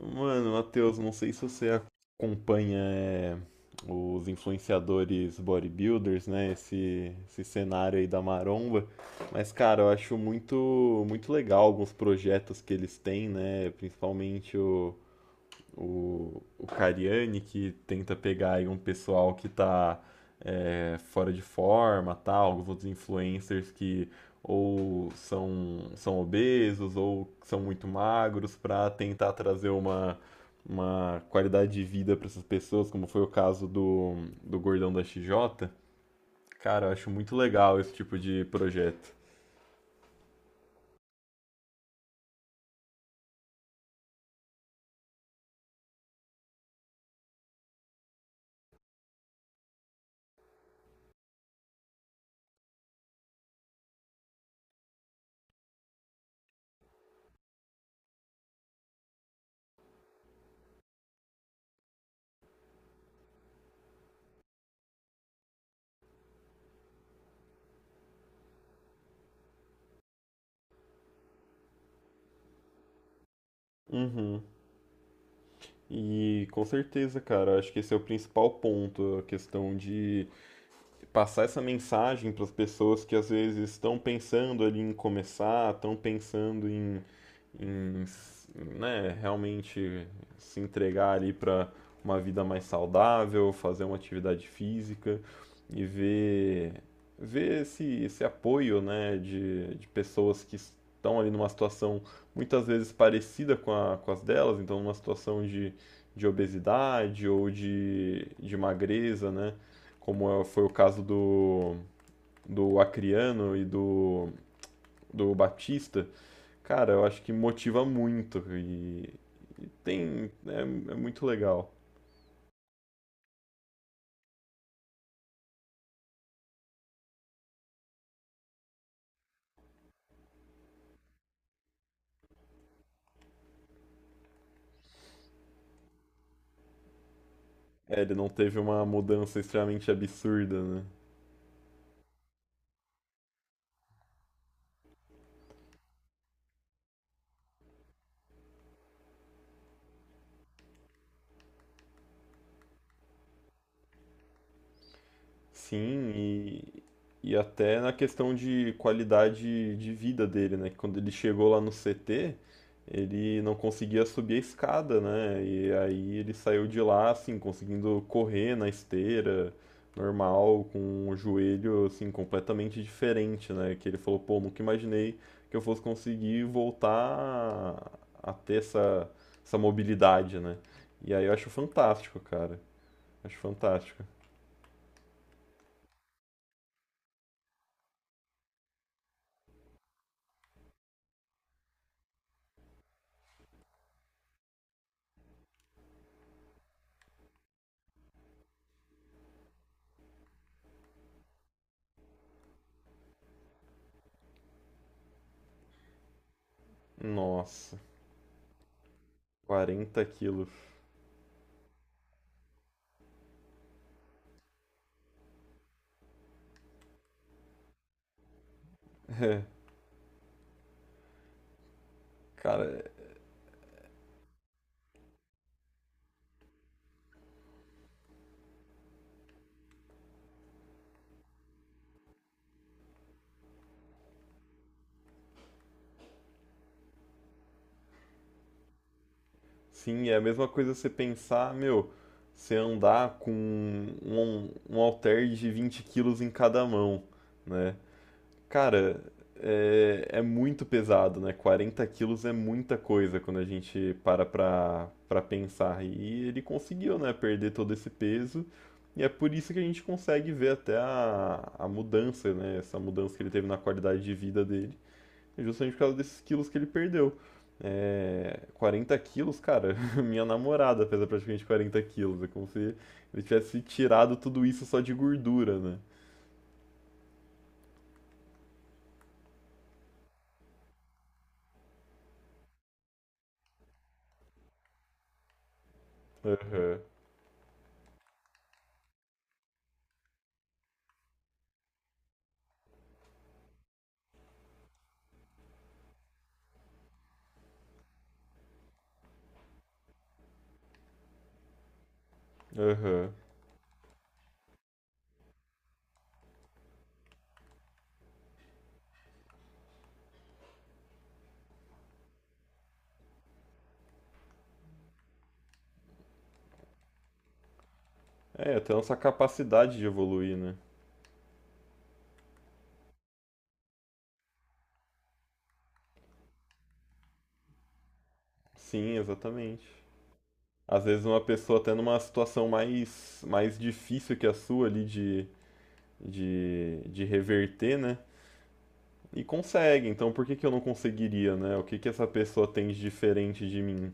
Mano, Matheus, não sei se você acompanha os influenciadores bodybuilders, né? Esse cenário aí da maromba. Mas, cara, eu acho muito, muito legal alguns projetos que eles têm, né? Principalmente o Cariani, que tenta pegar aí um pessoal que tá fora de forma, tal, alguns outros influencers que ou são obesos ou são muito magros, para tentar trazer uma qualidade de vida para essas pessoas, como foi o caso do Gordão da XJ. Cara, eu acho muito legal esse tipo de projeto. Uhum. E com certeza, cara, eu acho que esse é o principal ponto, a questão de passar essa mensagem para as pessoas que às vezes estão pensando ali em começar, estão pensando em, né, realmente se entregar ali para uma vida mais saudável, fazer uma atividade física e ver esse apoio, né, de pessoas que estão ali numa situação muitas vezes parecida com a, com as delas, então numa situação de obesidade ou de magreza, né, foi o caso do Acriano e do Batista. Cara, eu acho que motiva muito e e tem, é, é muito legal. É, ele não teve uma mudança extremamente absurda, né? Sim, e até na questão de qualidade de vida dele, né? Que Quando ele chegou lá no CT, ele não conseguia subir a escada, né? E aí ele saiu de lá, assim, conseguindo correr na esteira, normal, com o joelho, assim, completamente diferente, né? Que ele falou, pô, nunca imaginei que eu fosse conseguir voltar a ter essa mobilidade, né? E aí eu acho fantástico, cara. Acho fantástico. Nossa. 40 quilos. Cara, sim, é a mesma coisa você pensar, meu, você andar com um halter de 20 quilos em cada mão, né? Cara, é, é muito pesado, né? 40 quilos é muita coisa quando a gente para pra pensar. E ele conseguiu, né, perder todo esse peso. E é por isso que a gente consegue ver até a mudança, né? Essa mudança que ele teve na qualidade de vida dele. É Justamente por causa desses quilos que ele perdeu. É, 40 quilos, cara, minha namorada pesa praticamente 40 quilos. É como se ele tivesse tirado tudo isso só de gordura, né? Aham, aham. É, até a nossa capacidade de evoluir, né? Sim, exatamente. Às vezes uma pessoa até numa situação mais difícil que a sua ali de, de reverter, né? E consegue, então por que que eu não conseguiria, né? O que que essa pessoa tem de diferente de mim,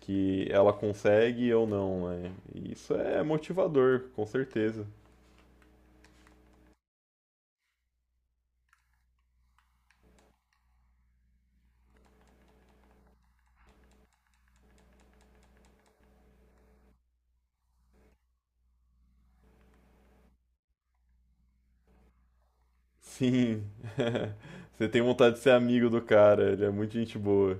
que ela consegue e eu não, né? E isso é motivador, com certeza. Sim, você tem vontade de ser amigo do cara, ele é muito gente boa.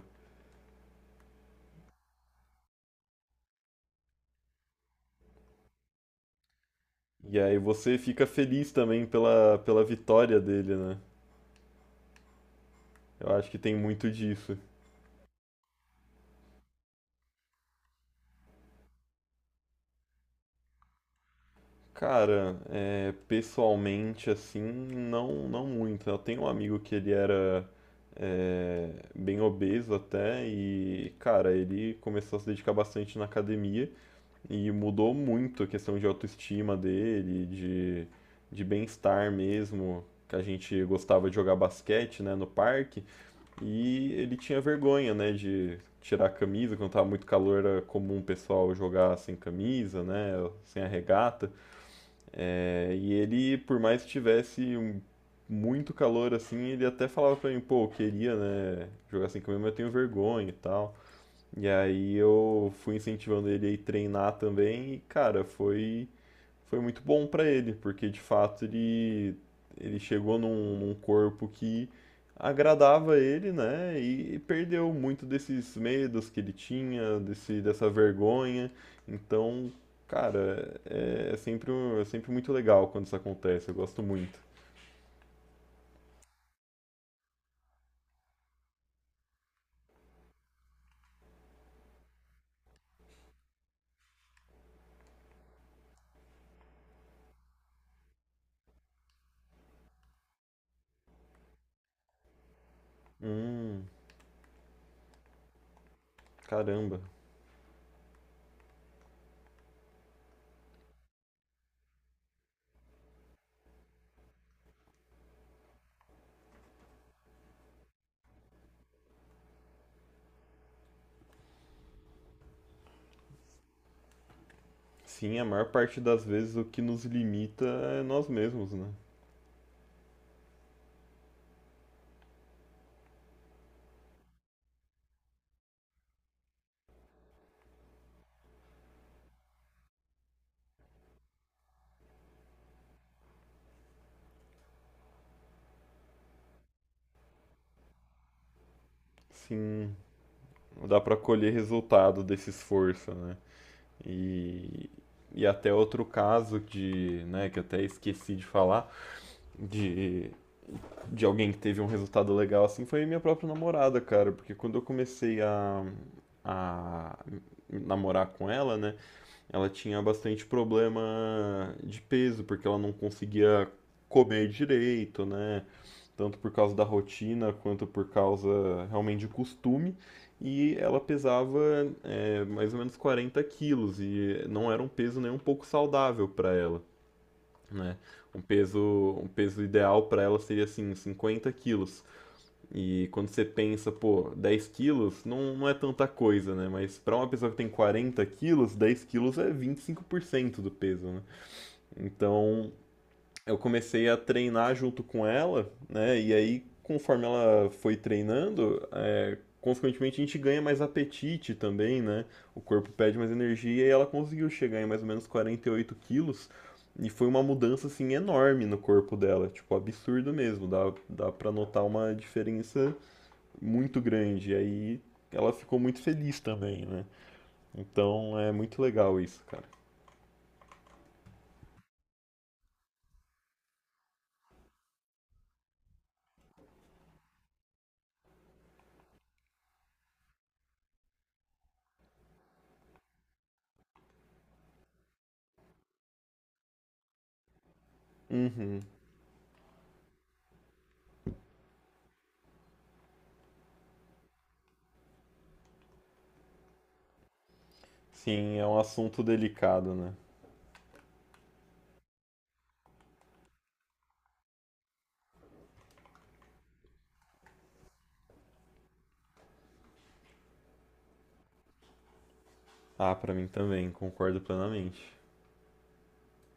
E aí você fica feliz também pela vitória dele, né? Eu acho que tem muito disso. Cara, é, pessoalmente, assim, não, não muito. Eu tenho um amigo que ele era é, bem obeso até, e, cara, ele começou a se dedicar bastante na academia. E mudou muito a questão de autoestima dele, de bem-estar mesmo, que a gente gostava de jogar basquete, né, no parque, e ele tinha vergonha, né, de tirar a camisa. Quando tava muito calor, era comum o pessoal jogar sem camisa, né, sem a regata. É, e ele, por mais que tivesse muito calor assim, ele até falava pra mim, pô, eu queria, né, jogar sem camisa, mas eu tenho vergonha e tal. E aí eu fui incentivando ele a ir treinar também e, cara, foi muito bom pra ele, porque de fato ele chegou num corpo que agradava ele, né? E perdeu muito desses medos que ele tinha, dessa vergonha. Então, cara, é, é sempre, é sempre muito legal quando isso acontece, eu gosto muito. Hum, caramba. Sim, a maior parte das vezes, o que nos limita é nós mesmos, né? Sim. Dá para colher resultado desse esforço, né? E, e até outro caso de, né, que até esqueci de falar, de, de alguém que teve um resultado legal assim, foi minha própria namorada, cara, porque quando eu comecei a namorar com ela, né, ela tinha bastante problema de peso, porque ela não conseguia comer direito, né? Tanto por causa da rotina quanto por causa realmente de costume. E ela pesava mais ou menos 40 quilos, e não era um peso nem um pouco saudável para ela, né? Um peso, um peso ideal para ela seria assim 50 quilos. E quando você pensa, pô, 10 quilos não, não é tanta coisa, né? Mas para uma pessoa que tem 40 quilos, 10 quilos é 25% do peso, né? Então, eu comecei a treinar junto com ela, né? E aí, conforme ela foi treinando, consequentemente a gente ganha mais apetite também, né? O corpo pede mais energia, e ela conseguiu chegar em mais ou menos 48 quilos. E foi uma mudança, assim, enorme no corpo dela. Tipo, absurdo mesmo. Dá pra notar uma diferença muito grande. E aí ela ficou muito feliz também, né? Então é muito legal isso, cara. Uhum. Sim, é um assunto delicado, né? Ah, pra mim também, concordo plenamente.